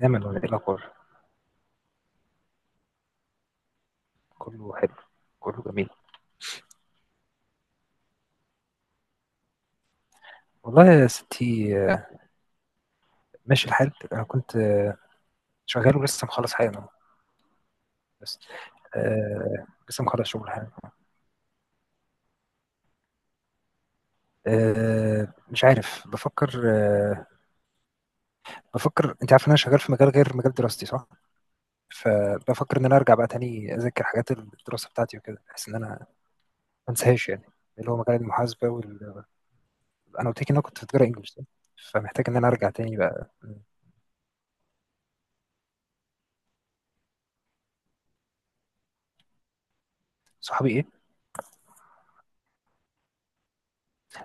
نعمل ولا ايه الاخبار؟ كله حلو. كله جميل. والله يا ستي، ماشي الحال. انا كنت شغال ولسه مخلص حالا أهو. بس آه، لسه مخلص شغل حالا. مش عارف. بفكر. انت عارف ان انا شغال في مجال غير مجال دراستي، صح؟ فبفكر ان انا ارجع بقى تاني اذاكر حاجات الدراسه بتاعتي وكده، بحيث ان انا ما انساهاش يعني، اللي هو مجال المحاسبه. انا قلت لك ان انا كنت بتجرى انجلش، صح؟ فمحتاج ان انا ارجع تاني بقى. صحابي ايه؟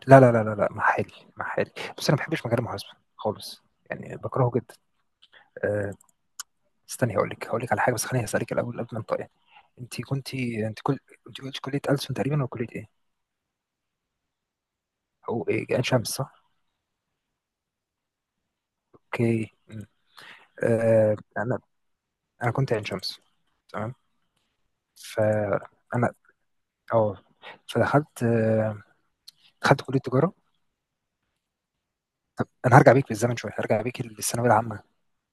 لا لا لا لا لا، محالي محالي. بس انا ما بحبش مجال المحاسبه خالص، يعني بكرهه جدا. أه، استني، هقول لك على حاجه، بس خليني اسالك الاول قبل ما انطق. انت كنت انت كل انت قلت كليه ألسن تقريبا، ولا كليه ايه؟ او ايه، عين شمس، صح؟ اوكي. أه، انا كنت عين شمس. تمام. فانا اه فدخلت آه، دخلت كليه تجاره. انا هرجع بيك بالزمن شويه، هرجع بيك للثانويه العامه.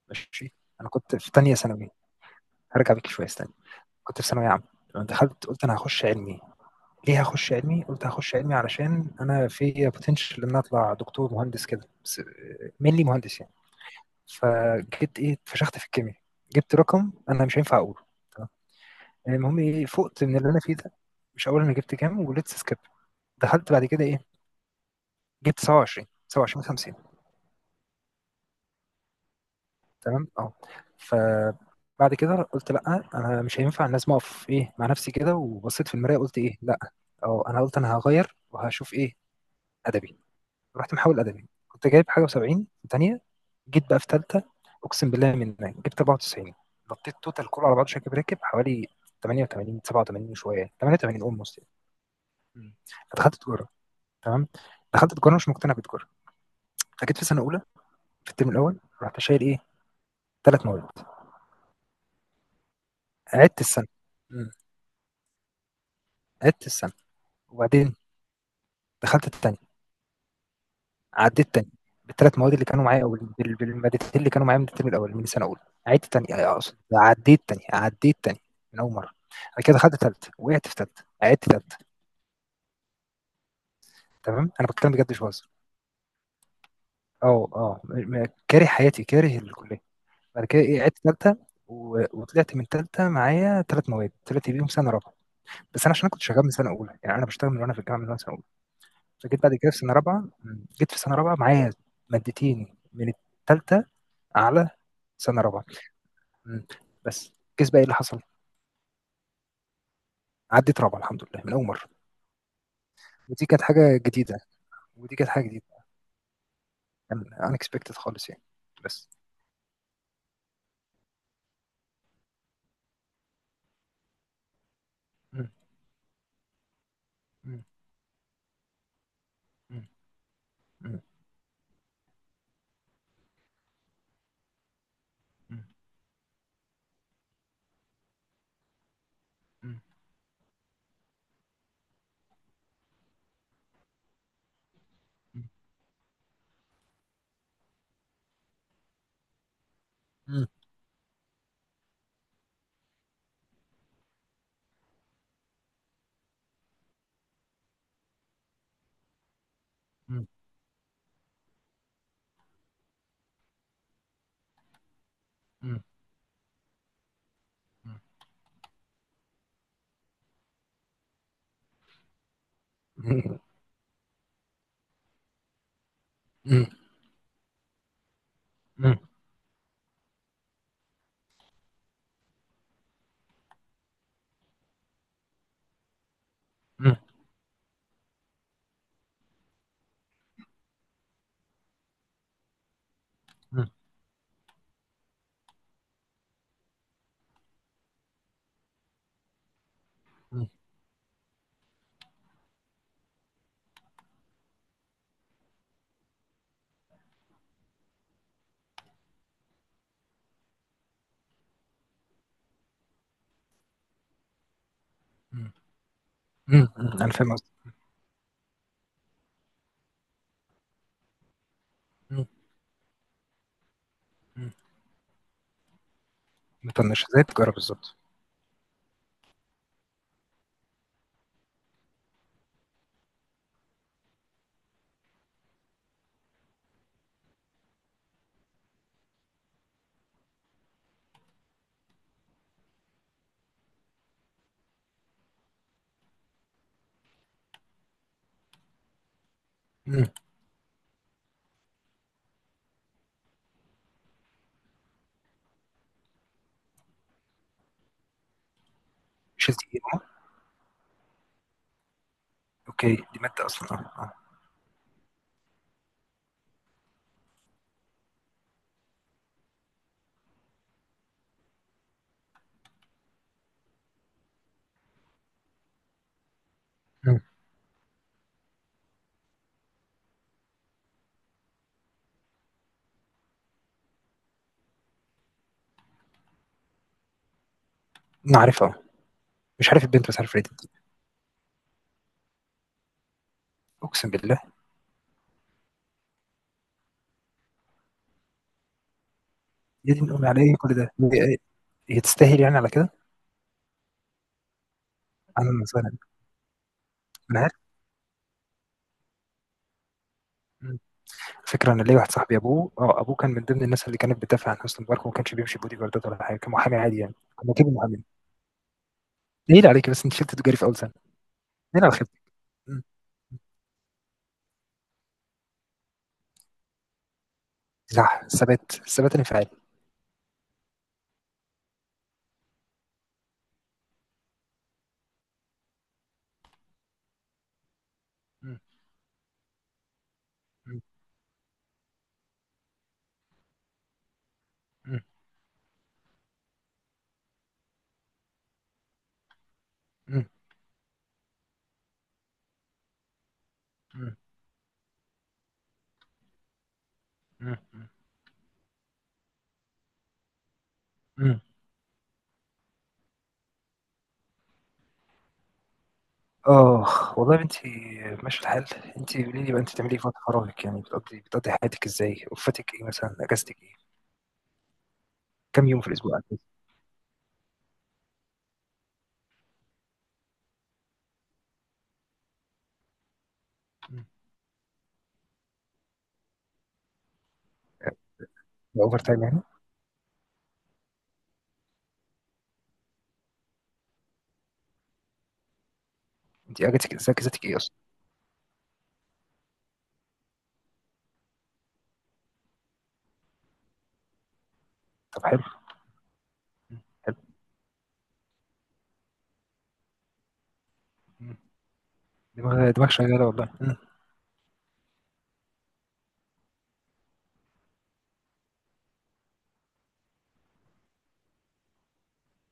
ماشي، انا كنت في تانية ثانوي. هرجع بيك شويه، استنى. كنت في ثانويه عامه، تمام؟ دخلت، قلت انا هخش علمي. ليه هخش علمي؟ قلت هخش علمي علشان انا في بوتنشال ان أنا اطلع دكتور مهندس كده، بس مينلي مهندس يعني. فجيت ايه، اتفشخت في الكيمياء. جبت رقم انا مش هينفع اقوله، تمام؟ يعني المهم ايه، فقت من اللي انا فيه ده. مش هقول انا جبت كام، وليتس سكيب. دخلت بعد كده ايه؟ جبت 27 27 50. تمام، اه، فبعد كده قلت لا، انا مش هينفع، لازم اقف ايه مع نفسي كده، وبصيت في المرايه قلت ايه، لا. اه، انا قلت انا هغير وهشوف ايه، ادبي. رحت محاول ادبي، كنت جايب حاجه و70 تانية. جيت بقى في ثالثه، اقسم بالله من هناك جبت 94. نطيت توتال كله على بعضه، شاكب راكب حوالي 88 87 وشويه 88، اولموست يعني. مم. فدخلت تجاره، تمام. دخلت تجاره، مش مقتنع بتجاره. فجيت في سنه اولى، في الترم الاول، رحت شايل ايه، ثلاث مواد. عدت السنه. مم. عدت السنه وبعدين دخلت الثانيه. عديت تاني بالثلاث مواد اللي كانوا معايا، او بالمادتين اللي كانوا معايا من الترم الاول من سنه اولى. عدت تاني آه، آه، اقصد عديت تاني عديت تاني من اول مره. بعد كده دخلت ثالثه، وقعت في ثالثه، عدت ثالثه، تمام. انا بتكلم بجد، مش بهزر. اه اه، كاره حياتي، كاره الكليه. بعد كده ايه، عدت ثالثه، وطلعت من ثالثه معايا ثلاث مواد، طلعت بيهم سنه رابعه. بس انا، عشان أنا كنت شغال من سنه اولى، يعني انا بشتغل من وانا في الجامعه، من وانا سنه اولى. فجيت بعد كده في سنه رابعه. جيت في سنه رابعه معايا مادتين من الثالثه، على سنه رابعه. مم. بس كيس بقى، ايه اللي حصل؟ عدت رابعه الحمد لله، من اول مره. ودي كانت حاجه جديده، ودي كانت حاجه جديده. ان اكسبكتد خالص يعني. بس. مم. مم. مم. مم. مم. مم. مم. مم. مم. مم. مم. مم. مم. مم. مم. مم. مم. انا فاهم قصدي. مم. مم. مطنشه زي التجاره بالظبط. مم. مش دي. اوكي، دي ماده اصلا، اه اه. مم. انا عارفها. مش عارف البنت، بس عارف ريدت. اقسم بالله. يا دين أمي على إيه كل ده؟ هي هي تستاهل يعني على كده؟ أهلا وسهلا. أنا عارف. مم. فكرة، أنا ليا واحد صاحبي، أبوه أه أبوه كان من ضمن الناس اللي كانت بتدافع عن حسني مبارك، وما كانش بيمشي بودي جاردات ولا حاجة، كان محامي عادي يعني. كان وكيل محامي. نيل عليك، بس أنت شلت تجاري في أول سنة. نيل على خيبتك. مم. صح، ثبات، ثبات انفعالي. مم. مم. مم. مم. مم. مم. مم. آه، والله يا بنتي، ماشي الحال. أنت قولي لي بقى، أنت بتعملي إيه في وقت فراغك؟ يعني بتقضي حياتك إزاي؟ وقفتك إيه مثلا؟ أجازتك إيه؟ كم يوم في الأسبوع؟ أجازة؟ مم. أوفر تايم يعني؟ انت اجتك ذاكرتك ايه اصلا؟ طب حلو. حلو. مم. دماغ دماغ شغاله والله. مم.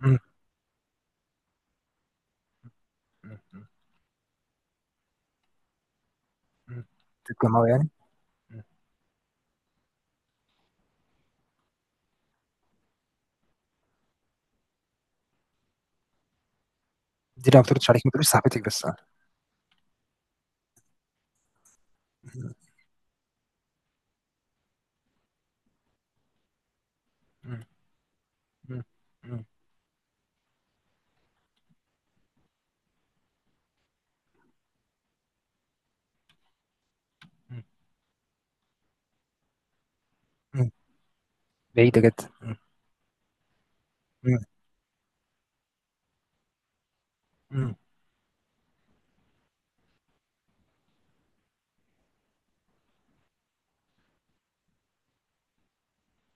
مم. مم. مم. مم. تتجمعوا يعني. مم. دي لو ما بتردش عليك ما تقوليش صاحبتك بس. مم. مم. مم. مم. مم. مم. بعيده جدا. مم. مم. مم.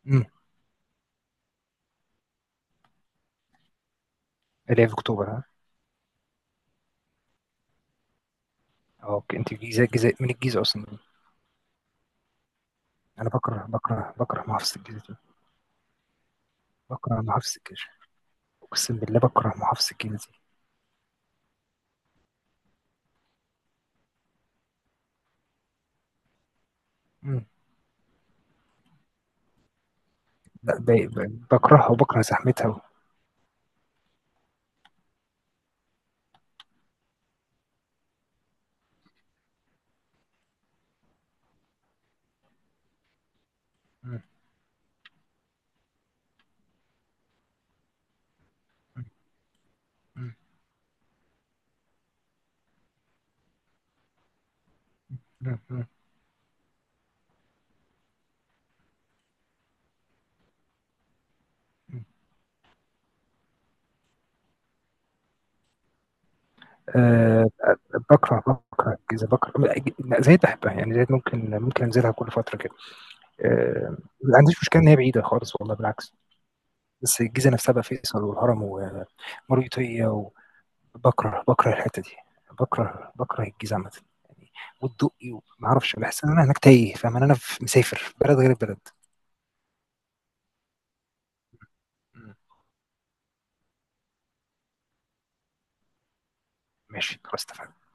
مم. اللي هي في اكتوبر، ها؟ اه، اوكي، انت الجيزه، الجيزه من الجيزه اصلا. انا بكره بكره بكره محافظه الجيزه دي. بكره محافظه الجيزه، اقسم بالله بكره محافظه الجيزه دي. مم. بكرهها، وبكره زحمتها. مم. مم. مم. مم. آه، بكره بكره الجيزه، بكره. زايد بحبها يعني، زايد ممكن انزلها كل فتره كده. آه، ما عنديش مشكله ان هي بعيده خالص والله، بالعكس. بس الجيزه نفسها بقى، فيصل والهرم ومريوطيه، وبكره بكره الحته دي، بكره بكره الجيزه عامه يعني. والدقي، وما اعرفش، بحس ان انا هناك تايه، فاهم إن انا مسافر، في بلد غير البلد. مم، ماشي، خلاص، اتفقنا.